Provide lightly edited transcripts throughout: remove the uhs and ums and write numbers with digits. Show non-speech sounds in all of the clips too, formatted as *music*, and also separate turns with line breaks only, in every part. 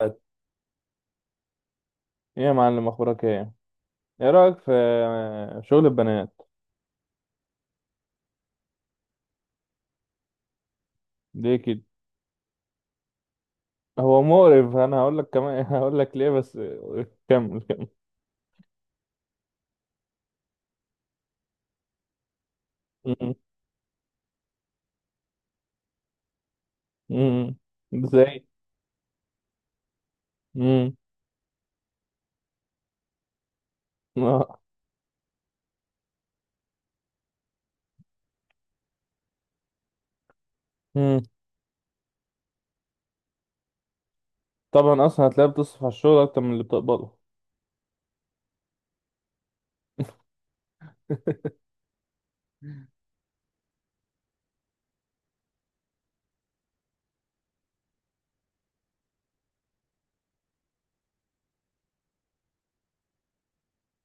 ايه يا معلم، اخبارك ايه؟ ايه رايك في شغل البنات؟ ليه كده؟ هو مقرف، انا هقول لك كمان. *laughs* هقول لك ليه، بس كمل كمل. م- م- م. ازاي؟ م- آه. م. طبعا اصلا هتلاقيها بتصرف على الشغل اكتر من اللي بتقبضه.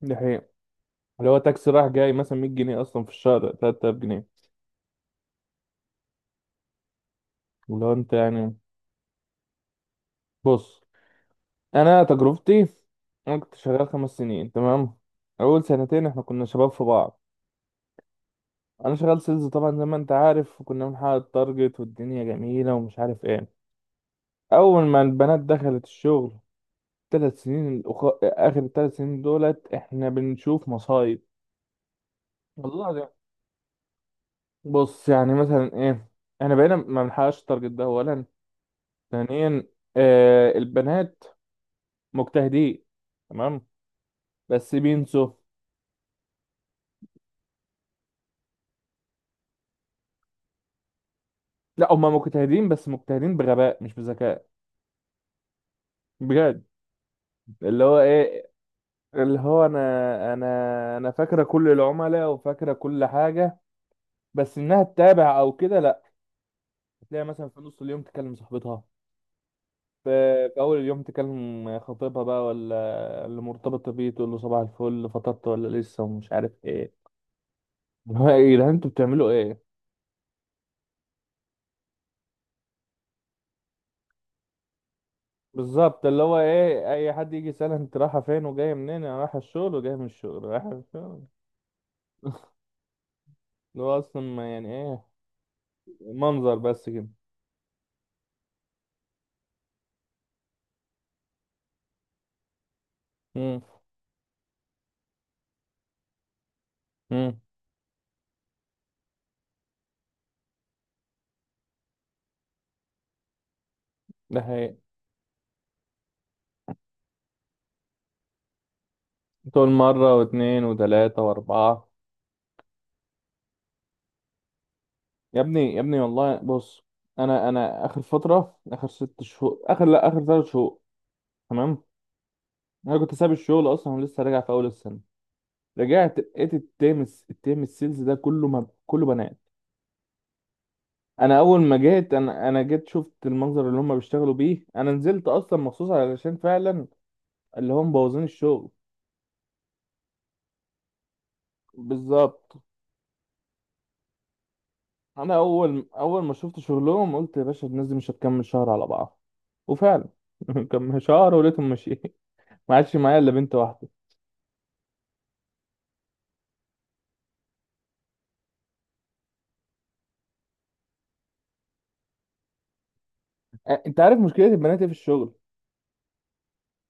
دي حقيقة. اللي هو تاكسي رايح جاي مثلا 100 جنيه، اصلا في الشهر 3000 جنيه. اللي هو انت يعني. بص، انا تجربتي. انا كنت شغال خمس سنين، تمام. اول سنتين احنا كنا شباب في بعض. انا شغال سيلز طبعا زي ما انت عارف، وكنا بنحقق التارجت والدنيا جميله ومش عارف ايه. اول ما البنات دخلت الشغل، ثلاث سنين، اخر ثلاث سنين دولت احنا بنشوف مصايب. والله ده. بص يعني مثلا ايه، احنا بقينا ما بنحققش التارجت، ده اولا. ثانيا، آه البنات مجتهدين، تمام، بس بينسوا. لا، هم مجتهدين بس مجتهدين بغباء مش بذكاء. بجد. اللي هو ايه، اللي هو انا. انا فاكره كل العملاء وفاكره كل حاجه، بس انها تتابع او كده لا. تلاقي مثلا في نص اليوم تكلم صاحبتها. في في اول اليوم تكلم خطيبها بقى ولا اللي مرتبطه بيه، تقول له صباح الفل، فطرت ولا لسه ومش عارف ايه. *laughs* اللي هو ايه ده، انتوا بتعملوا ايه؟ بالظبط. اللي هو ايه، اي حد يجي يسألها انت رايحه فين وجايه منين؟ انا رايحه الشغل وجايه من الشغل، رايحه الشغل. اللي هو اصلا ما يعني ايه، منظر بس كده. امم. امم. ده حقيقي. تقول مرة واتنين وتلاتة وأربعة. يا ابني يا ابني، والله بص، أنا آخر فترة، آخر ست شهور، آخر لأ، آخر تلات شهور، تمام. أنا كنت ساب الشغل أصلا ولسه راجع في أول السنة. رجعت لقيت التيم التيم السيلز ده كله ما كله بنات. أنا أول ما جيت، أنا جيت شفت المنظر اللي هم بيشتغلوا بيه، أنا نزلت أصلا مخصوص علشان فعلا اللي هم مبوظين الشغل. بالظبط. انا اول ما شفت شغلهم قلت يا باشا، الناس دي مش هتكمل شهر على بعض. وفعلا، *laughs* كم شهر ولقيتهم ماشيين. *laughs* ما عادش معايا الا بنت واحده. انت عارف مشكله البنات إيه في الشغل؟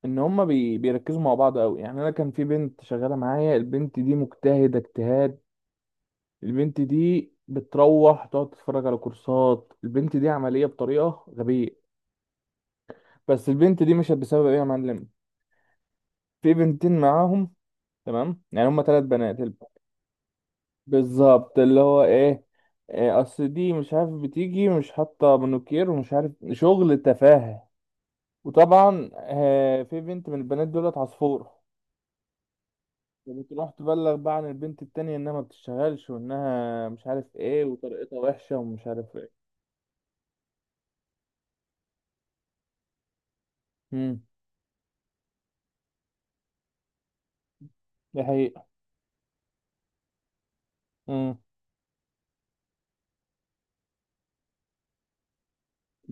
ان هما بيركزوا مع بعض قوي. يعني انا كان في بنت شغاله معايا، البنت دي مجتهده اجتهاد. البنت دي بتروح تقعد تتفرج على كورسات، البنت دي عمليه بطريقه غبيه. بس البنت دي مشت بسبب ايه يا معلم؟ في بنتين معاهم، تمام، يعني هما ثلاث بنات. بالظبط. اللي هو ايه، إيه، اصل دي مش عارف بتيجي مش حاطه مانوكير ومش عارف شغل تفاهه. وطبعا آه، في بنت من البنات دولت عصفور، فبتروح تبلغ بقى عن البنت التانية انها ما بتشتغلش وانها مش عارف ايه وطريقتها وحشة ومش عارف ايه. امم. دي حقيقة. امم.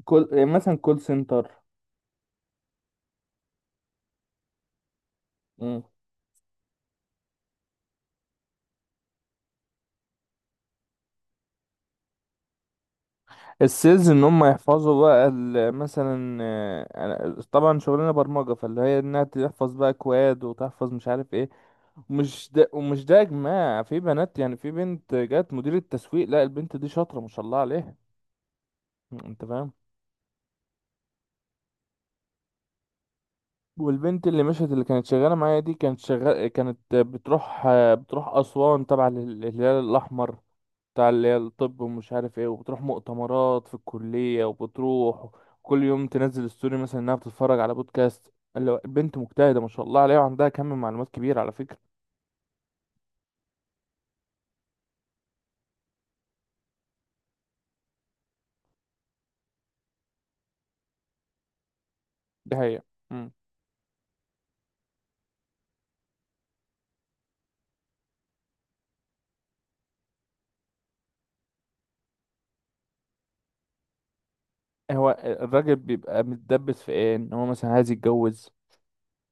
كل إيه، مثلا كول سنتر. امم. السيلز ان هم يحفظوا بقى مثلا آه، طبعا شغلنا برمجة، فاللي هي انها تحفظ بقى كواد وتحفظ مش عارف ايه. مش ده ومش ده يا جماعة، في بنات يعني، في بنت جت مديرة تسويق، لا البنت دي شاطرة ما شاء الله عليها. انت فاهم. والبنت اللي مشت اللي كانت شغالة معايا دي كانت شغال، كانت بتروح. بتروح أسوان تبع الهلال الأحمر، بتاع اللي هي الطب ومش عارف ايه، وبتروح مؤتمرات في الكلية وبتروح. كل يوم تنزل ستوري مثلا انها بتتفرج على بودكاست، اللي هو البنت مجتهدة ما شاء الله عليها، وعندها كم معلومات كبير على فكرة. دي حقيقة. مم. هو الراجل بيبقى متدبس في ايه؟ ان هو مثلا عايز يتجوز،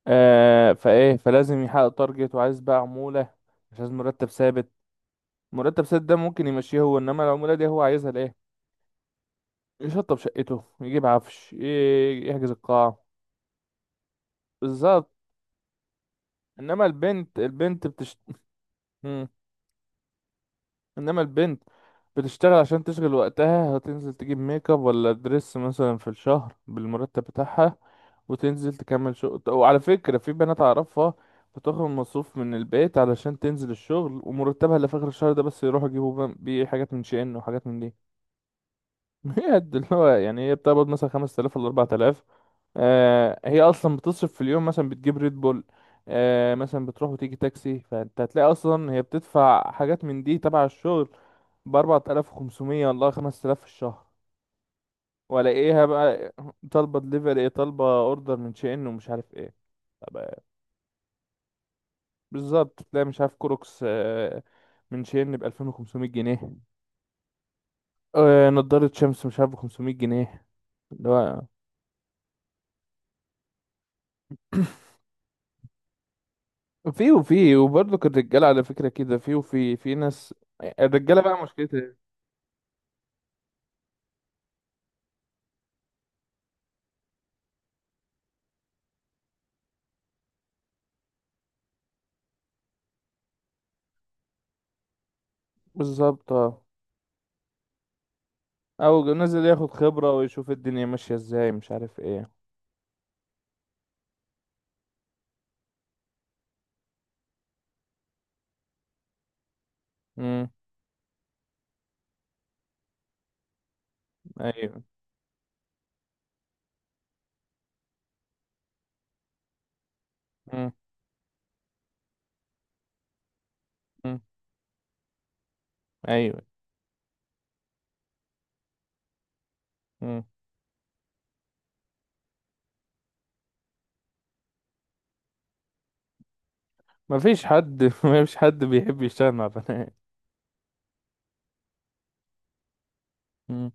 آه فايه، فلازم يحقق تارجت وعايز بقى عمولة. مش عايز مرتب ثابت، مرتب ثابت ده ممكن يمشيه هو، انما العمولة دي هو عايزها لايه؟ يشطب شقته، يجيب عفش، يحجز القاعة. بالظبط. انما البنت، البنت انما البنت بتشتغل عشان تشغل وقتها، هتنزل تجيب ميك اب ولا دريس مثلا في الشهر بالمرتب بتاعها. وتنزل تكمل شغل وعلى فكرة، في بنات أعرفها بتاخد مصروف من البيت علشان تنزل الشغل، ومرتبها اللي في آخر الشهر ده بس يروحوا يجيبوا بيه حاجات من شين وحاجات من دي. *laughs* هي قد اللي هو يعني، هي بتقبض مثلا 5000 ولا 4000. آه هي أصلا بتصرف في اليوم، مثلا بتجيب ريد بول. آه مثلا بتروح وتيجي تاكسي. فأنت هتلاقي أصلا هي بتدفع حاجات من دي تبع الشغل ب 4500، والله 5000 في الشهر. ولا ايه، هبقى طالبة دليفري ايه، طالبة اوردر من شين ومش عارف ايه. طب. بالظبط، تلاقي مش عارف كروكس، آه، من شين ب 2500 جنيه. آه، نضارة شمس مش عارف ب 500 جنيه. اللي هو *coughs* *clears throat* في وفي، وبرضه الرجالة على فكرة كده، في وفي في ناس. الرجالة بقى مشكلتها إيه؟ بالظبط، اه. او نازل ياخد خبرة ويشوف الدنيا ماشية ازاي مش عارف ايه. امم. ايوه. امم. ايوه. ما فيش حد *laughs* ما فيش حد بيحب يشتغل مع بنات. مم.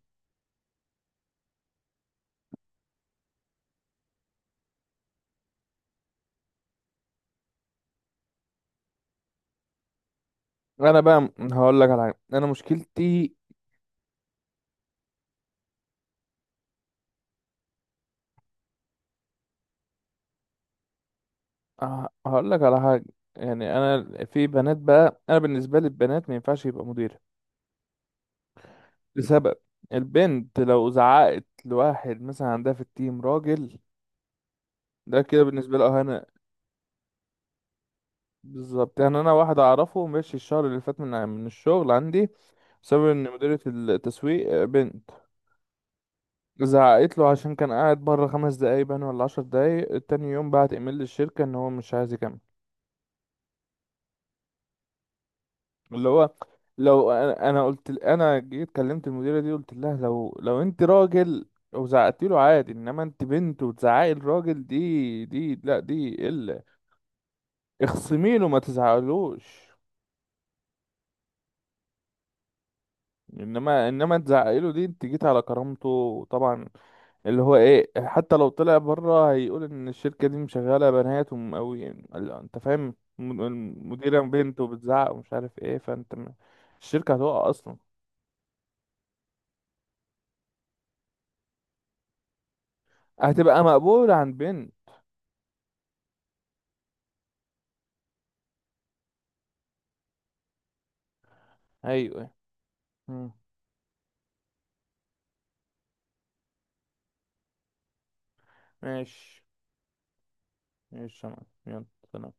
انا بقى هقول لك على حاجه، انا مشكلتي، آه، هقول لك على حاجه. يعني انا في بنات بقى، انا بالنسبه لي البنات ما ينفعش يبقى مديره، لسبب. البنت لو زعقت لواحد مثلا عندها في التيم راجل، ده كده بالنسبه له اهانه. بالظبط. يعني انا واحد اعرفه ماشي الشهر اللي فات من الشغل عندي، بسبب ان مديره التسويق بنت. زعقت له عشان كان قاعد بره خمس دقايق باين ولا عشر دقايق، تاني يوم بعت ايميل للشركة ان هو مش عايز يكمل. اللي هو، لو انا، أنا قلت انا جيت كلمت المديرة دي، قلت لها لو انت راجل وزعقتي له عادي، انما انت بنت وتزعقي الراجل، دي دي لا، دي الا. اخصمي له ما تزعقلوش. انما تزعقي له دي، انت جيت على كرامته طبعا. اللي هو ايه، حتى لو طلع بره هيقول ان الشركة دي مشغلة بنات، أوي يعني انت فاهم، المديرة بنت وبتزعق ومش عارف ايه، فانت الشركة هتقع اصلا. هتبقى مقبولة عند بنت. ايوه. مم. ماشي. ماشي يا معلم. يلا، سلام.